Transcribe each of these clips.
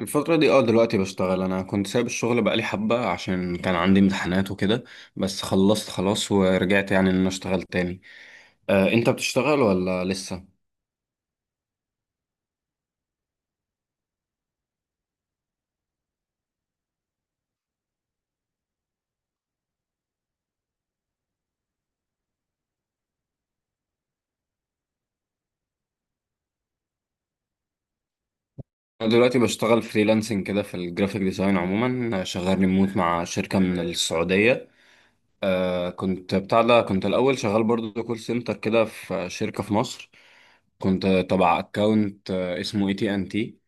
الفترة دي دلوقتي بشتغل. انا كنت سايب الشغل بقالي حبة عشان كان عندي امتحانات وكده. بس خلصت خلاص ورجعت يعني ان انا اشتغل تاني. آه انت بتشتغل ولا لسه؟ انا دلوقتي بشتغل فريلانسنج كده في الجرافيك ديزاين عموما، آه، شغال ريموت مع شركة من السعودية. آه كنت بتاع ده، كنت الاول شغال برضه كول سنتر كده في شركة في مصر. كنت تبع اكونت اسمه اي تي ان تي.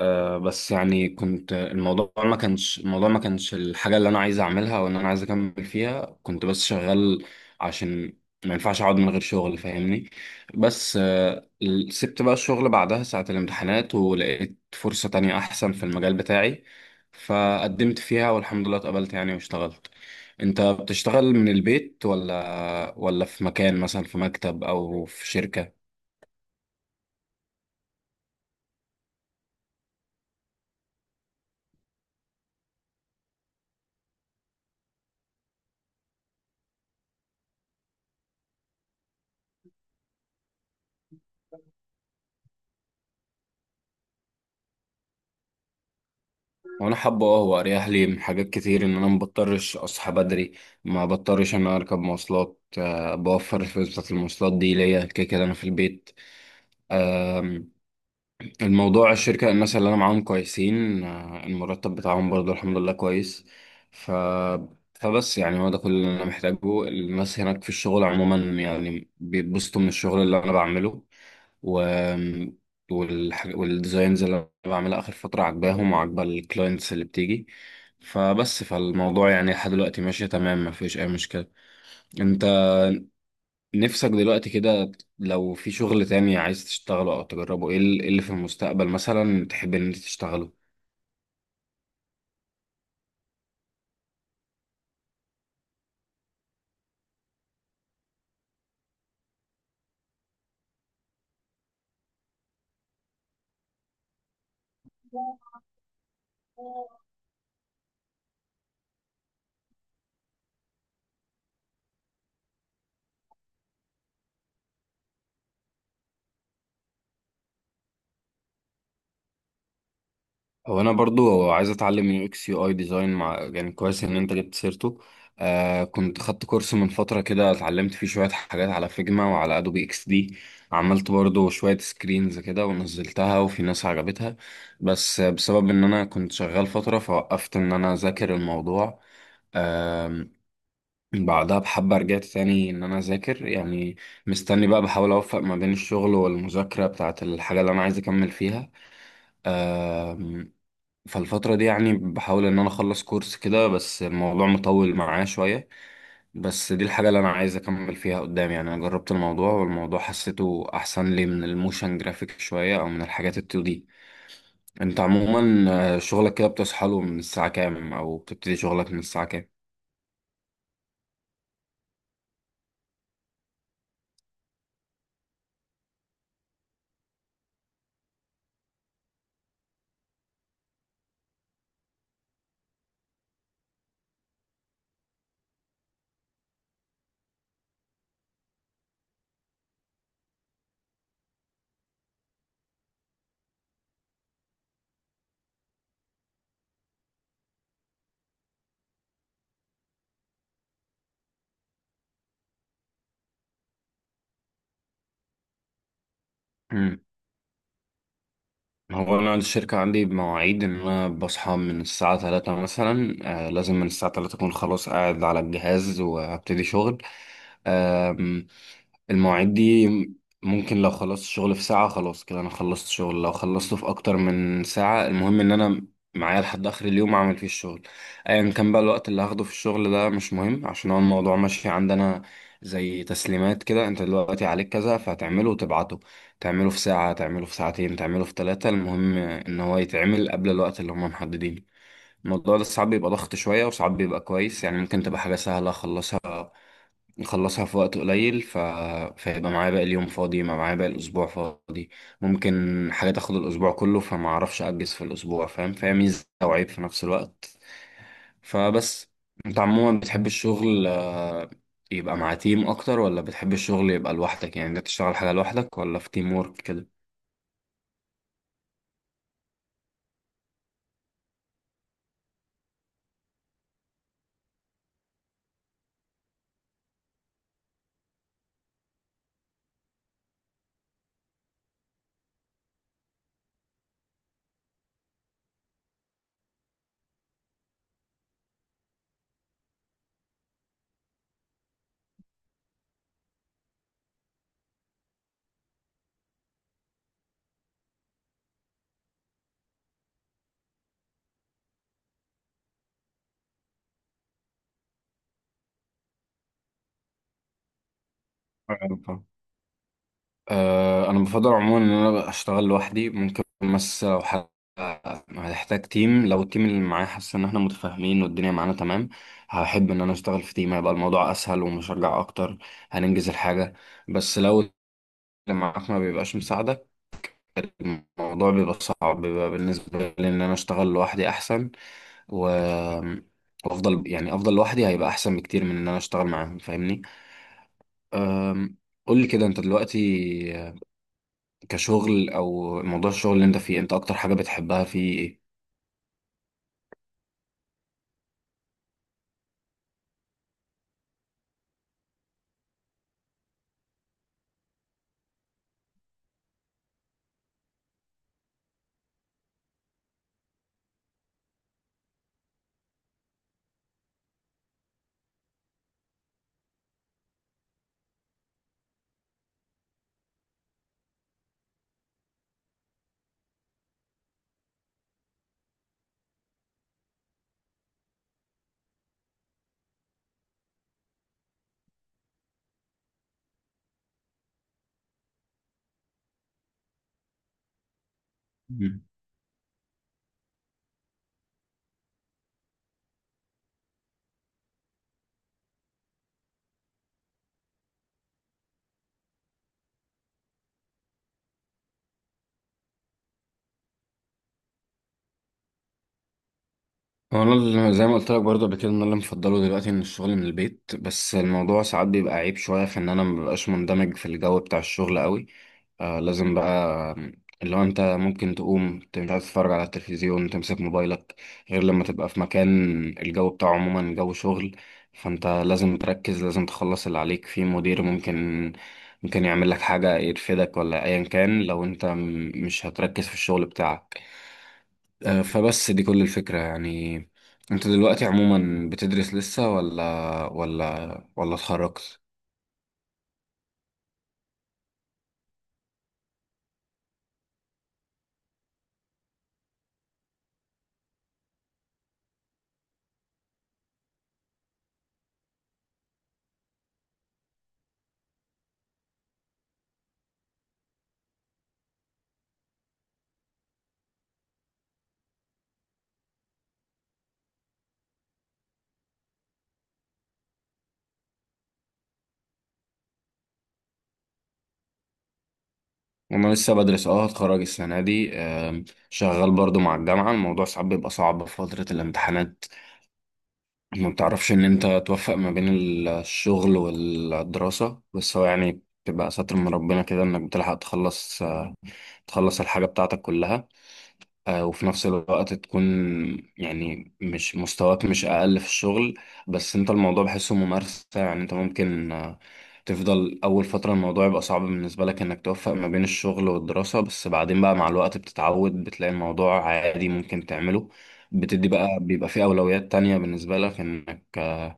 بس يعني كنت الموضوع ما كانش الحاجة اللي أنا عايز أعملها وإن أنا عايز أكمل فيها، كنت بس شغال عشان ما ينفعش أقعد من غير شغل، فاهمني. بس سبت بقى الشغل بعدها ساعة الامتحانات ولقيت فرصة تانية أحسن في المجال بتاعي، فقدمت فيها والحمد لله اتقبلت يعني واشتغلت. أنت بتشتغل من البيت ولا في مكان مثلا في مكتب أو في شركة؟ وانا حابه اه، هو اريح لي من حاجات كتير، ان انا ما بضطرش اصحى بدري، ما بضطرش ان انا اركب مواصلات، آه، بوفر الفلوس بتاعت المواصلات دي ليا، كده كده انا في البيت. الموضوع الشركة الناس اللي أنا معاهم كويسين، آه، المرتب بتاعهم برضو الحمد لله كويس. ف... فبس يعني هو ده كل اللي أنا محتاجه. الناس هناك في الشغل عموما يعني بيتبسطوا من الشغل اللي أنا بعمله، و... والديزاينز اللي أنا بعملها آخر فترة عاجباهم وعاجبة الكلاينتس اللي بتيجي. فالموضوع يعني لحد دلوقتي ماشي تمام، مفيش أي مشكلة. أنت نفسك دلوقتي كده لو في شغل تاني عايز تشتغله او تجربه، إيه اللي في المستقبل مثلا تحب ان انت تشتغله؟ هو انا برضو عايز اتعلم من يو اكس يو اي ديزاين، مع يعني كويس ان انت جبت سيرته. آه كنت خدت كورس من فترة كده، اتعلمت فيه شوية حاجات على فيجما وعلى ادوبي اكس دي. عملت برضو شوية سكرينز كده ونزلتها وفي ناس عجبتها. بس بسبب ان انا كنت شغال فترة، فوقفت ان انا اذاكر الموضوع. بعدها بحبة رجعت تاني إن أنا أذاكر يعني. مستني بقى، بحاول أوفق ما بين الشغل والمذاكرة بتاعة الحاجة اللي أنا عايز أكمل فيها. آم، فالفترة دي يعني بحاول إن أنا أخلص كورس كده، بس الموضوع مطول معايا شوية. بس دي الحاجة اللي أنا عايز أكمل فيها قدام. يعني أنا جربت الموضوع والموضوع حسيته أحسن لي من الموشن جرافيك شوية أو من الحاجات التو دي. أنت عموما آه، شغلك كده بتصحى له من الساعة كام أو بتبتدي شغلك من الساعة كام؟ هو أنا الشركة عندي بمواعيد، إن أنا بصحى من الساعة تلاتة مثلا. آه لازم من الساعة تلاتة أكون خلاص قاعد على الجهاز وأبتدي شغل. آم، المواعيد دي ممكن لو خلصت شغل في ساعة خلاص كده أنا خلصت شغل، لو خلصته في أكتر من ساعة المهم إن أنا معايا لحد آخر اليوم أعمل فيه الشغل. أيا كان بقى الوقت اللي هاخده في الشغل ده مش مهم، عشان هو الموضوع ماشي عندنا زي تسليمات كده. أنت دلوقتي عليك كذا فهتعمله وتبعته، تعمله في ساعة، تعمله في ساعتين، تعمله في ثلاثة، المهم إن هو يتعمل قبل الوقت اللي هما محددينه. الموضوع ده ساعات بيبقى ضغط شوية وساعات بيبقى كويس. يعني ممكن تبقى حاجة سهلة أخلصها، أخلصها في وقت قليل، فيبقى معايا باقي اليوم فاضي، يبقى معايا باقي الأسبوع فاضي. ممكن حاجة تاخد الأسبوع كله فما أعرفش أجز في الأسبوع، فاهم؟ فهي ميزة وعيب في نفس الوقت. فبس. أنت عموما بتحب الشغل آه، يبقى مع تيم أكتر ولا بتحب الشغل يبقى لوحدك؟ يعني أنت تشتغل حاجة لوحدك ولا في تيم وورك كده؟ آه، انا بفضل عموما ان انا اشتغل لوحدي. ممكن بس لو حد، هتحتاج تيم. لو التيم اللي معايا حاسس ان احنا متفاهمين والدنيا معانا تمام، هحب ان انا اشتغل في تيم، هيبقى الموضوع اسهل ومشجع اكتر، هننجز الحاجة. بس لو اللي معاك ما بيبقاش مساعدك الموضوع بيبقى صعب، بيبقى بالنسبة لي ان انا اشتغل لوحدي احسن. و وافضل يعني افضل لوحدي هيبقى احسن بكتير من ان انا اشتغل معاهم، فاهمني. قول لي كده انت دلوقتي كشغل او موضوع الشغل اللي انت فيه، انت اكتر حاجه بتحبها فيه ايه؟ مم. انا زي ما قلت لك برضه قبل كده، ان انا اللي مفضله دلوقتي ان الشغل من البيت. بس الموضوع ساعات بيبقى عيب شويه في ان انا مببقاش مندمج في الجو بتاع الشغل قوي. آه لازم بقى، اللي هو انت ممكن تقوم، انت مش عايز تتفرج على التلفزيون، تمسك موبايلك، غير لما تبقى في مكان الجو بتاعه عموما جو شغل، فانت لازم تركز، لازم تخلص اللي عليك، في مدير ممكن يعمل لك حاجة يرفدك ولا ايا كان لو انت مش هتركز في الشغل بتاعك. آه فبس دي كل الفكرة يعني. انت دلوقتي عموما بتدرس لسه ولا اتخرجت؟ انا لسه بدرس اه، هتخرج السنه دي. شغال برضو مع الجامعه. الموضوع ساعات بيبقى صعب في فتره الامتحانات، ما بتعرفش ان انت توفق ما بين الشغل والدراسه. بس هو يعني بتبقى ستر من ربنا كده انك بتلحق تخلص، تخلص الحاجه بتاعتك كلها، آه، وفي نفس الوقت تكون يعني مش، مستواك مش أقل في الشغل. بس أنت الموضوع بحسه ممارسة. يعني أنت ممكن آه، تفضل أول فترة الموضوع يبقى صعب بالنسبة لك إنك توفق ما بين الشغل والدراسة، بس بعدين بقى مع الوقت بتتعود، بتلاقي الموضوع عادي ممكن تعمله. بتدي بقى، بيبقى فيه أولويات تانية بالنسبة لك، إنك آه،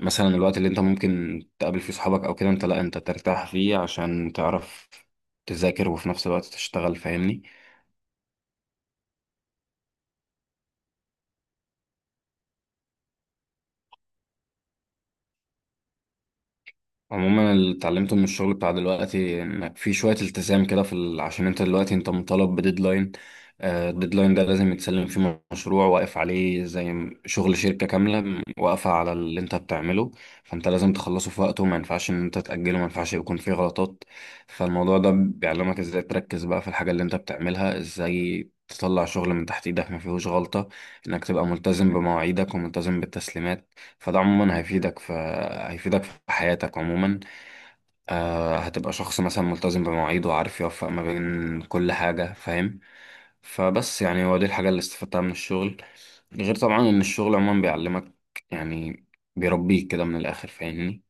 مثلا الوقت اللي أنت ممكن تقابل فيه صحابك أو كده أنت لأ، أنت ترتاح فيه عشان تعرف تذاكر وفي نفس الوقت تشتغل، فاهمني. عموما اللي اتعلمته من الشغل بتاع دلوقتي انك في شوية التزام كده، عشان انت دلوقتي انت مطالب بديدلاين. آه، الديدلاين ده لازم يتسلم فيه مشروع واقف عليه زي شغل شركة كاملة واقفة على اللي انت بتعمله. فانت لازم تخلصه في وقته، ما ينفعش ان انت تأجله، ما ينفعش يكون فيه غلطات. فالموضوع ده بيعلمك ازاي تركز بقى في الحاجة اللي انت بتعملها، ازاي تطلع شغل من تحت ايدك ما فيهوش غلطة، انك تبقى ملتزم بمواعيدك وملتزم بالتسليمات. فده عموما هيفيدك في حياتك عموما. آه هتبقى شخص مثلا ملتزم بمواعيده وعارف يوفق ما بين كل حاجة، فاهم؟ فبس يعني هو دي الحاجة اللي استفدتها من الشغل. غير طبعا إن الشغل عموما بيعلمك يعني، بيربيك كده من الآخر، فاهمني.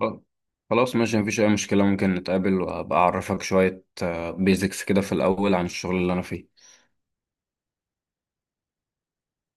خلاص خلاص، ماشي مفيش أي مشكلة. ممكن نتقابل وأبقى أعرفك شوية بيزكس كده في الأول عن الشغل اللي أنا فيه.